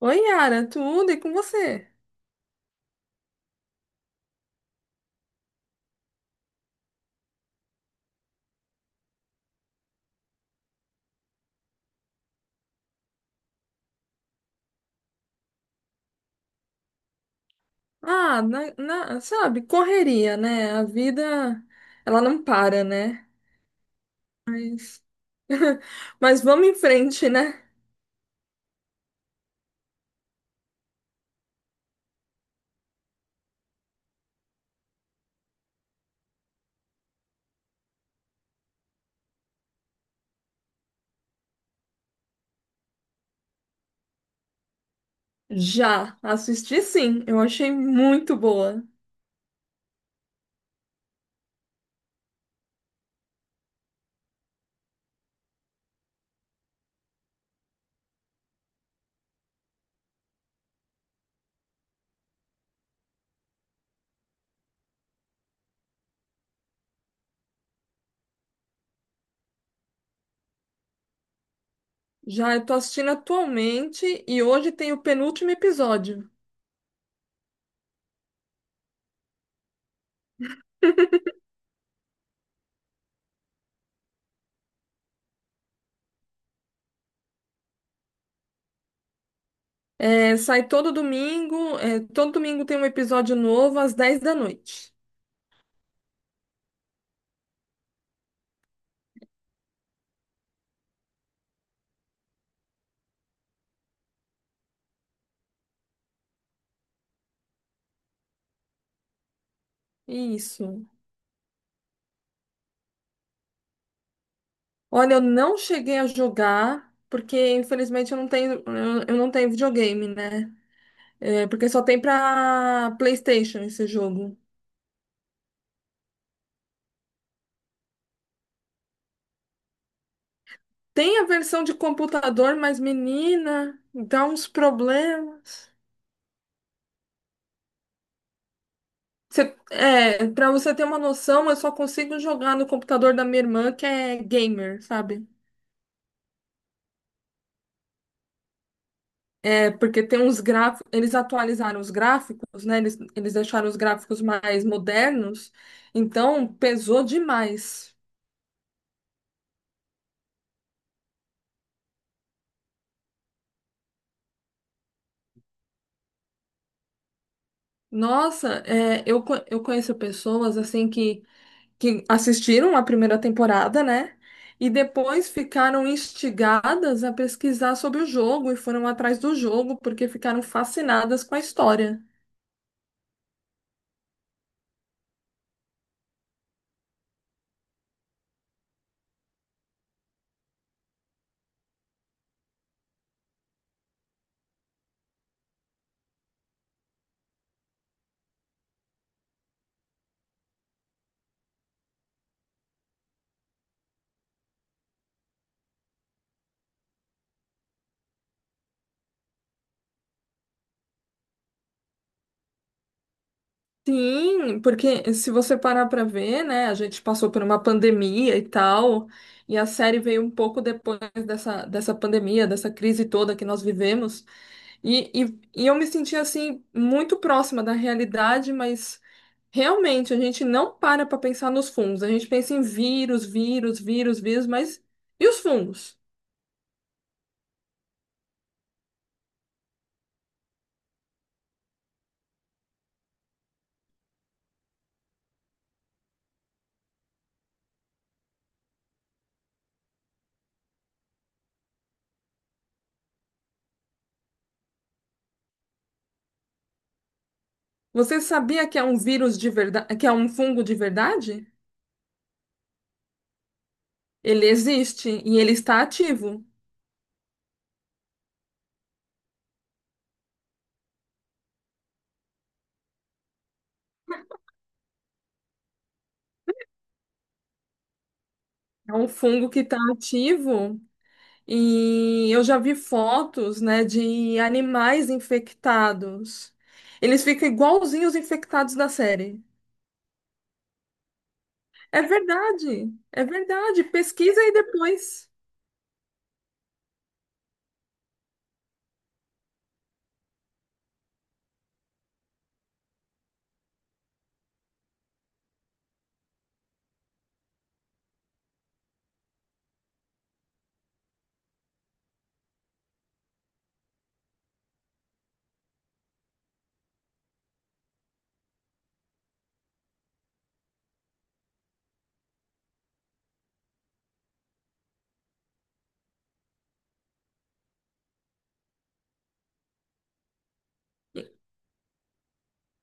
Oi, Yara, tudo e com você? Ah, sabe, correria, né? A vida, ela não para, né? Mas, mas vamos em frente, né? Já assisti sim, eu achei muito boa. Já eu tô assistindo atualmente e hoje tem o penúltimo episódio. É, sai todo domingo, é, todo domingo tem um episódio novo às 10 da noite. Isso. Olha, eu não cheguei a jogar, porque infelizmente eu não tenho, eu não tenho videogame, né? É, porque só tem pra PlayStation esse jogo. Tem a versão de computador, mas menina, dá uns problemas. Você, é, para você ter uma noção, eu só consigo jogar no computador da minha irmã, que é gamer, sabe? É, porque tem uns gráficos, eles atualizaram os gráficos, né? Eles deixaram os gráficos mais modernos, então pesou demais. Nossa, é, eu conheço pessoas assim que assistiram a primeira temporada, né? E depois ficaram instigadas a pesquisar sobre o jogo e foram atrás do jogo porque ficaram fascinadas com a história. Sim, porque se você parar para ver, né, a gente passou por uma pandemia e tal, e a série veio um pouco depois dessa pandemia, dessa crise toda que nós vivemos, e eu me senti assim muito próxima da realidade, mas realmente, a gente não para para pensar nos fungos. A gente pensa em vírus, vírus, vírus, vírus, mas e os fungos? Você sabia que é um vírus de verdade, que é um fungo de verdade? Ele existe e ele está ativo. É um fungo que está ativo e eu já vi fotos, né, de animais infectados. Eles ficam igualzinhos os infectados da série. É verdade, é verdade. Pesquisa aí depois.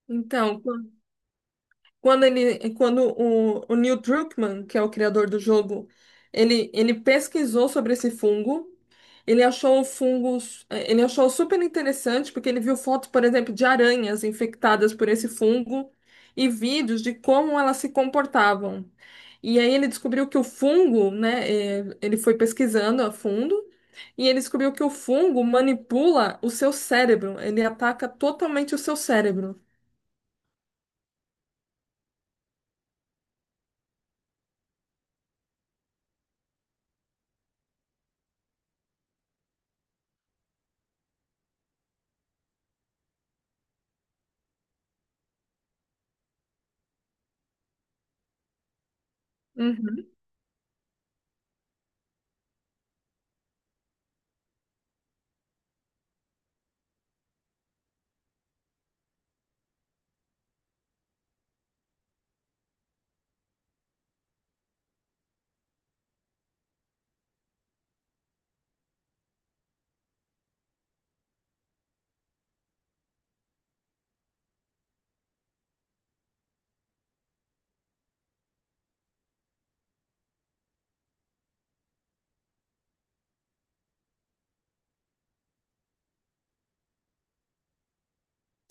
Então, quando ele, quando o Neil Druckmann, que é o criador do jogo, ele pesquisou sobre esse fungo, ele achou o fungo, ele achou super interessante porque ele viu fotos, por exemplo, de aranhas infectadas por esse fungo e vídeos de como elas se comportavam. E aí ele descobriu que o fungo, né, ele foi pesquisando a fundo e ele descobriu que o fungo manipula o seu cérebro, ele ataca totalmente o seu cérebro.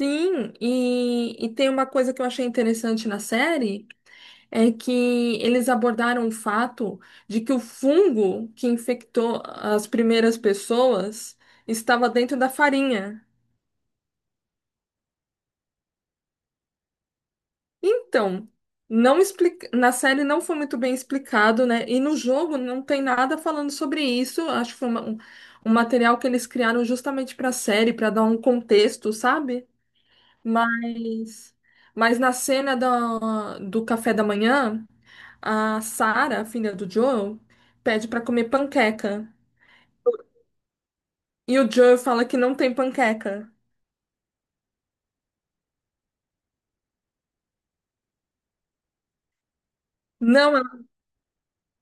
Sim, e tem uma coisa que eu achei interessante na série, é que eles abordaram o fato de que o fungo que infectou as primeiras pessoas estava dentro da farinha. Então, não explica, na série não foi muito bem explicado, né? E no jogo não tem nada falando sobre isso. Acho que foi um material que eles criaram justamente para a série, para dar um contexto, sabe? Mas, mas na cena do, do café da manhã. A Sarah, filha do Joel, pede pra comer panqueca. E o Joel fala que não tem panqueca. Não, ela,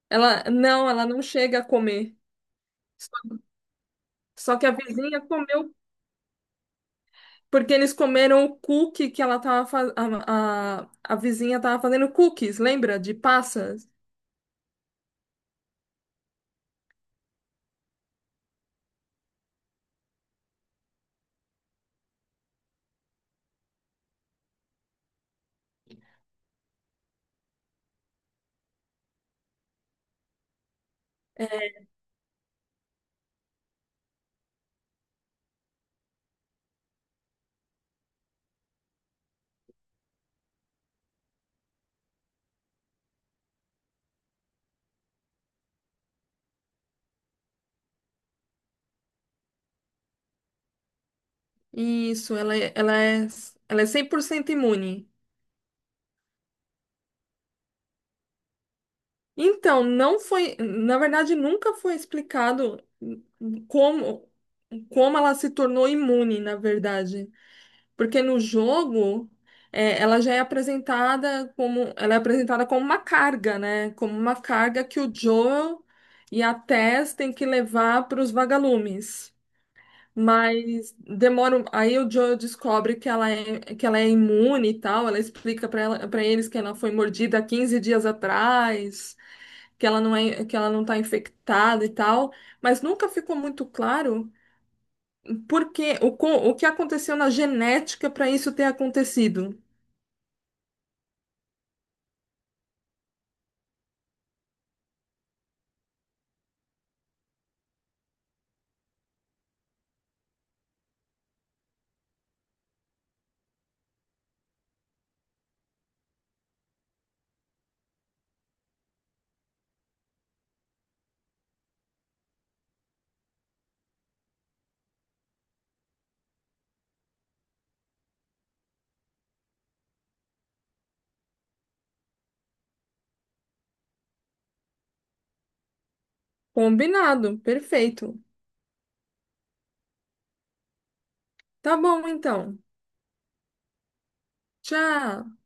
ela- não, ela não chega a comer. Só que a vizinha comeu, porque eles comeram o cookie que ela tava fazendo. A vizinha tava fazendo cookies, lembra? De passas. Isso, ela é 100% imune. Então, não foi. Na verdade, nunca foi explicado como, como ela se tornou imune, na verdade. Porque no jogo, é, ela já é apresentada como, ela é apresentada como uma carga, né? Como uma carga que o Joel e a Tess têm que levar para os vagalumes. Mas demora. Aí o Joel descobre que ela é imune e tal. Ela explica para ela, para eles que ela foi mordida há 15 dias atrás, que ela não é, que ela não está infectada e tal. Mas nunca ficou muito claro por que, o que aconteceu na genética para isso ter acontecido. Combinado, perfeito. Tá bom, então. Tchau.